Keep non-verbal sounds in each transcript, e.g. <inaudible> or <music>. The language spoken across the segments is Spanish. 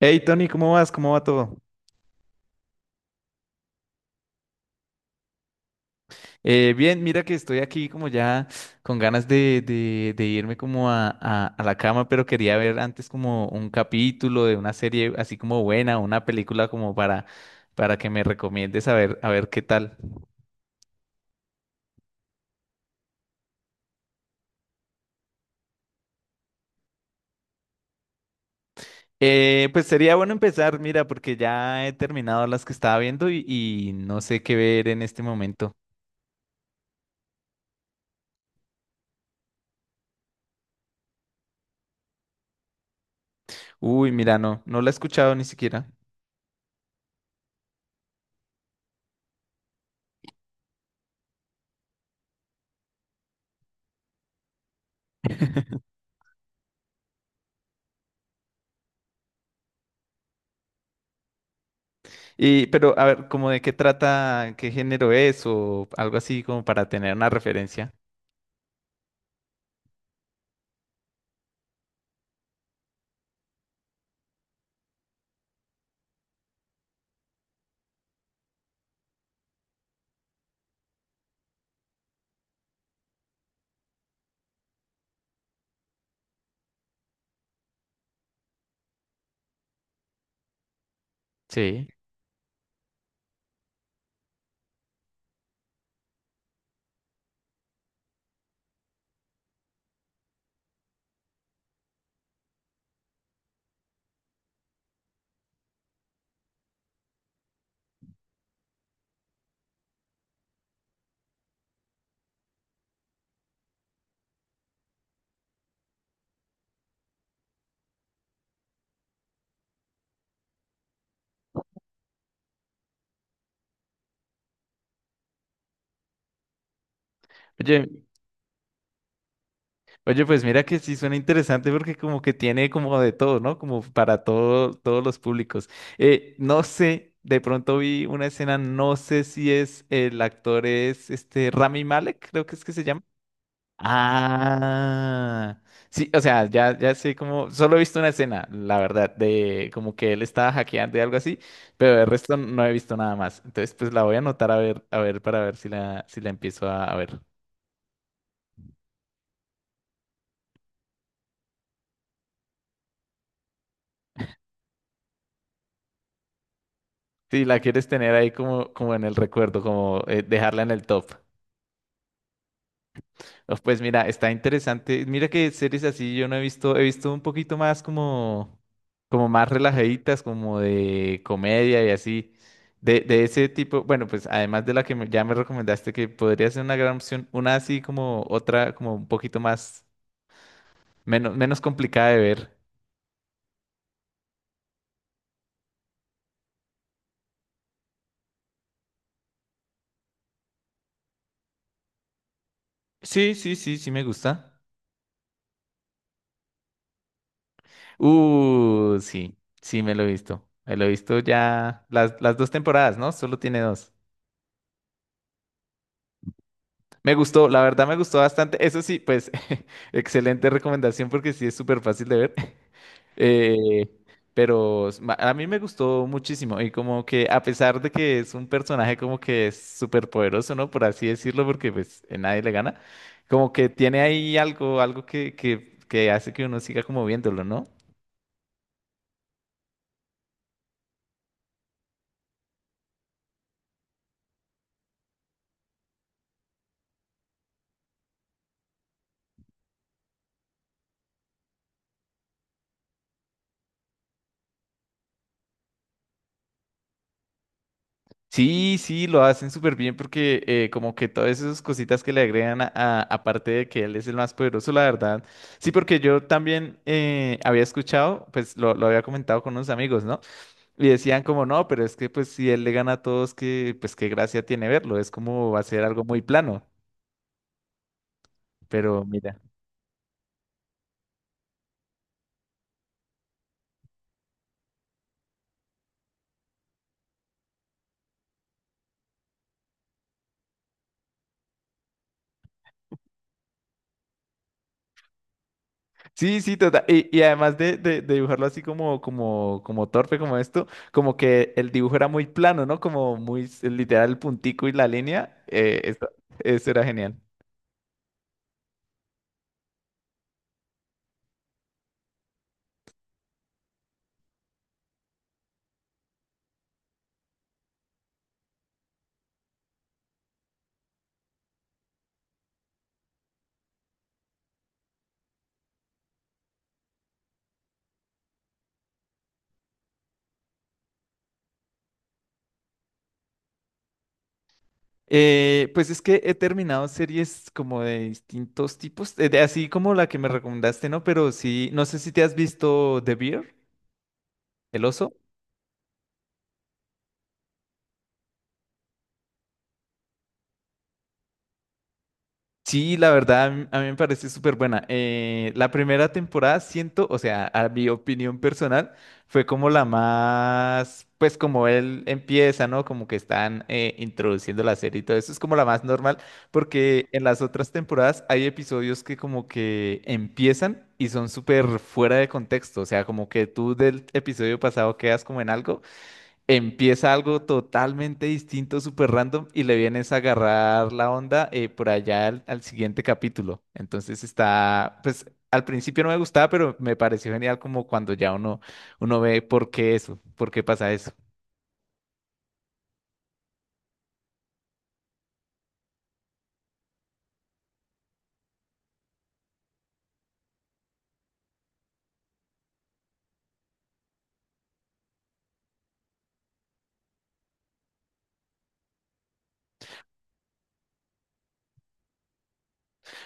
Hey Tony, ¿cómo vas? ¿Cómo va todo? Bien, mira que estoy aquí como ya con ganas de irme como a la cama, pero quería ver antes como un capítulo de una serie así como buena, una película como para que me recomiendes a ver qué tal. Pues sería bueno empezar, mira, porque ya he terminado las que estaba viendo y no sé qué ver en este momento. Uy, mira, no, no la he escuchado ni siquiera. <laughs> Y, pero, a ver, como de qué trata, ¿qué género es o algo así como para tener una referencia? Sí. Oye, oye, pues mira que sí suena interesante porque como que tiene como de todo, ¿no? Como para todo, todos los públicos. No sé, de pronto vi una escena, no sé si es el actor es este Rami Malek, creo que es que se llama. Ah, sí, o sea, ya, ya sé como, solo he visto una escena, la verdad, de como que él estaba hackeando y algo así, pero el resto no he visto nada más. Entonces, pues la voy a anotar a ver, para ver si la empiezo a ver. Si la quieres tener ahí como, como en el recuerdo, como dejarla en el top. Oh, pues mira, está interesante. Mira que series así yo no he visto, he visto un poquito más como, como más relajaditas, como de comedia y así, de ese tipo. Bueno, pues además de la que ya me recomendaste que podría ser una gran opción, una así como otra, como un poquito más, menos, menos complicada de ver. Sí, sí, sí, sí me gusta. Sí, sí me lo he visto. Me lo he visto ya las dos temporadas, ¿no? Solo tiene dos. Me gustó, la verdad me gustó bastante. Eso sí, pues, <laughs> excelente recomendación porque sí es súper fácil de ver. <laughs> Eh, pero a mí me gustó muchísimo y como que a pesar de que es un personaje como que es súper poderoso, ¿no? Por así decirlo, porque pues nadie le gana, como que tiene ahí algo, algo que hace que uno siga como viéndolo, ¿no? Sí, sí, lo hacen súper bien porque como que todas esas cositas que le agregan aparte de que él es el más poderoso, la verdad. Sí, porque yo también había escuchado, pues lo había comentado con unos amigos, ¿no? Y decían como, no, pero es que pues si él le gana a todos, que pues qué gracia tiene verlo, es como va a ser algo muy plano, pero mira. Sí, sí, total. Y además de dibujarlo así como, como, como torpe, como esto, como que el dibujo era muy plano, ¿no? Como muy literal el puntico y la línea. Eso era genial. Pues es que he terminado series como de distintos tipos, así como la que me recomendaste, ¿no? Pero sí, no sé si te has visto The Bear, el oso. Sí, la verdad, a mí me parece súper buena. La primera temporada siento, o sea, a mi opinión personal, fue como la más, pues como él empieza, ¿no? Como que están introduciendo la serie y todo eso, es como la más normal, porque en las otras temporadas hay episodios que como que empiezan y son súper fuera de contexto, o sea, como que tú del episodio pasado quedas como en algo, empieza algo totalmente distinto, súper random, y le vienes a agarrar la onda por allá al siguiente capítulo. Entonces está, pues al principio no me gustaba, pero me pareció genial como cuando ya uno ve por qué eso, por qué pasa eso.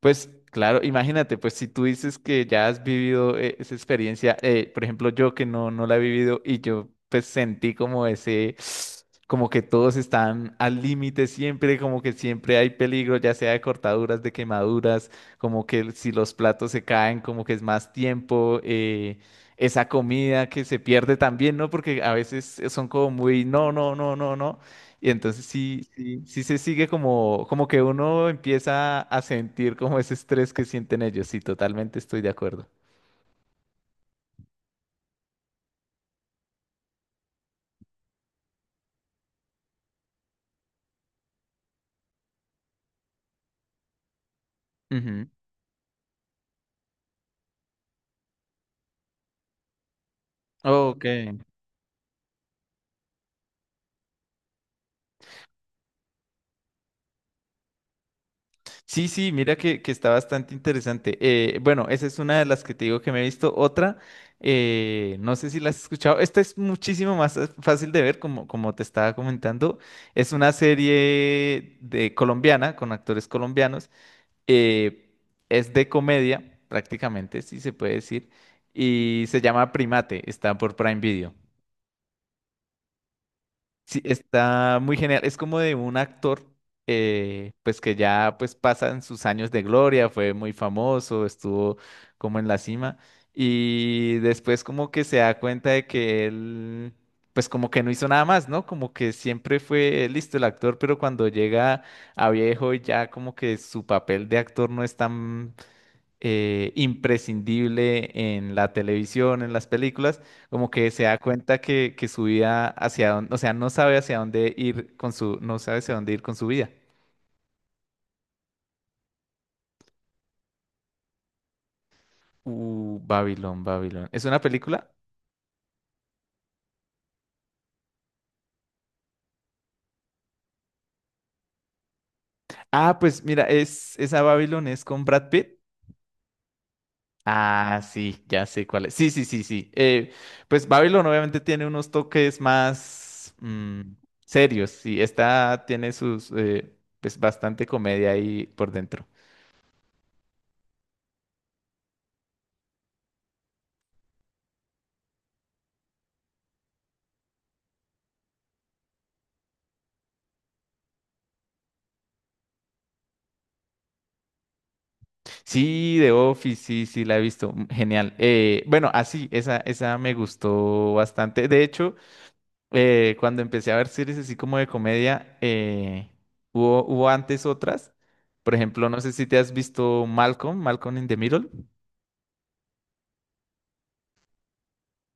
Pues claro, imagínate, pues si tú dices que ya has vivido esa experiencia, por ejemplo, yo que no, no la he vivido y yo pues sentí como ese, como que todos están al límite siempre, como que siempre hay peligro, ya sea de cortaduras, de quemaduras, como que si los platos se caen, como que es más tiempo, esa comida que se pierde también, ¿no? Porque a veces son como muy, no, no, no, no, no. Y entonces sí, sí, sí se sigue como, como que uno empieza a sentir como ese estrés que sienten ellos. Sí, totalmente estoy de acuerdo. Ujú. Ok. Sí, sí, mira que está bastante interesante. Bueno, esa es una de las que te digo que me he visto. Otra, no sé si la has escuchado. Esta es muchísimo más fácil de ver, como, como te estaba comentando. Es una serie de colombiana, con actores colombianos. Eh, es de comedia, prácticamente, si se puede decir, y se llama Primate, está por Prime Video. Sí, está muy genial, es como de un actor, pues que ya pues pasan sus años de gloria, fue muy famoso, estuvo como en la cima, y después como que se da cuenta de que él, pues como que no hizo nada más, ¿no? Como que siempre fue listo el actor, pero cuando llega a viejo y ya como que su papel de actor no es tan imprescindible en la televisión, en las películas, como que se da cuenta que su vida hacia dónde, o sea, no sabe hacia dónde ir con su, no sabe hacia dónde ir con su vida. Babylon, Babylon. ¿Es una película? Ah, pues mira, es esa Babylon es con Brad Pitt. Ah, sí, ya sé cuál es. Sí, sí, sí, sí. Pues Babylon obviamente tiene unos toques más serios. Sí, esta tiene sus, pues bastante comedia ahí por dentro. Sí, The Office, sí, sí, la he visto. Genial. Bueno, así, esa me gustó bastante. De hecho, cuando empecé a ver series así como de comedia, hubo antes otras. Por ejemplo, no sé si te has visto Malcolm, Malcolm in the Middle.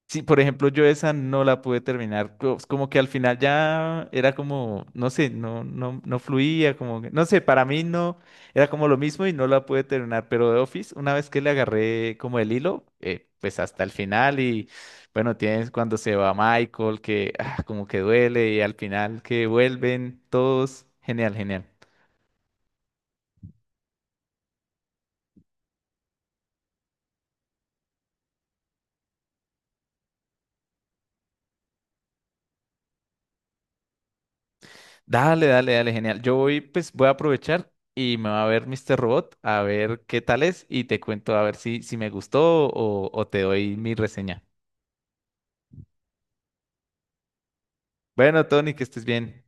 Sí, por ejemplo, yo esa no la pude terminar. Como que al final ya era como, no sé, no, no, no fluía, no sé, para mí no, era como lo mismo y no la pude terminar. Pero de Office, una vez que le agarré como el hilo, pues hasta el final y bueno, tienes cuando se va Michael, que ah, como que duele y al final que vuelven todos, genial, genial. Dale, dale, dale, genial. Yo voy, pues voy a aprovechar y me va a ver Mr. Robot a ver qué tal es y te cuento a ver si, si me gustó o te doy mi reseña. Bueno, Tony, que estés bien.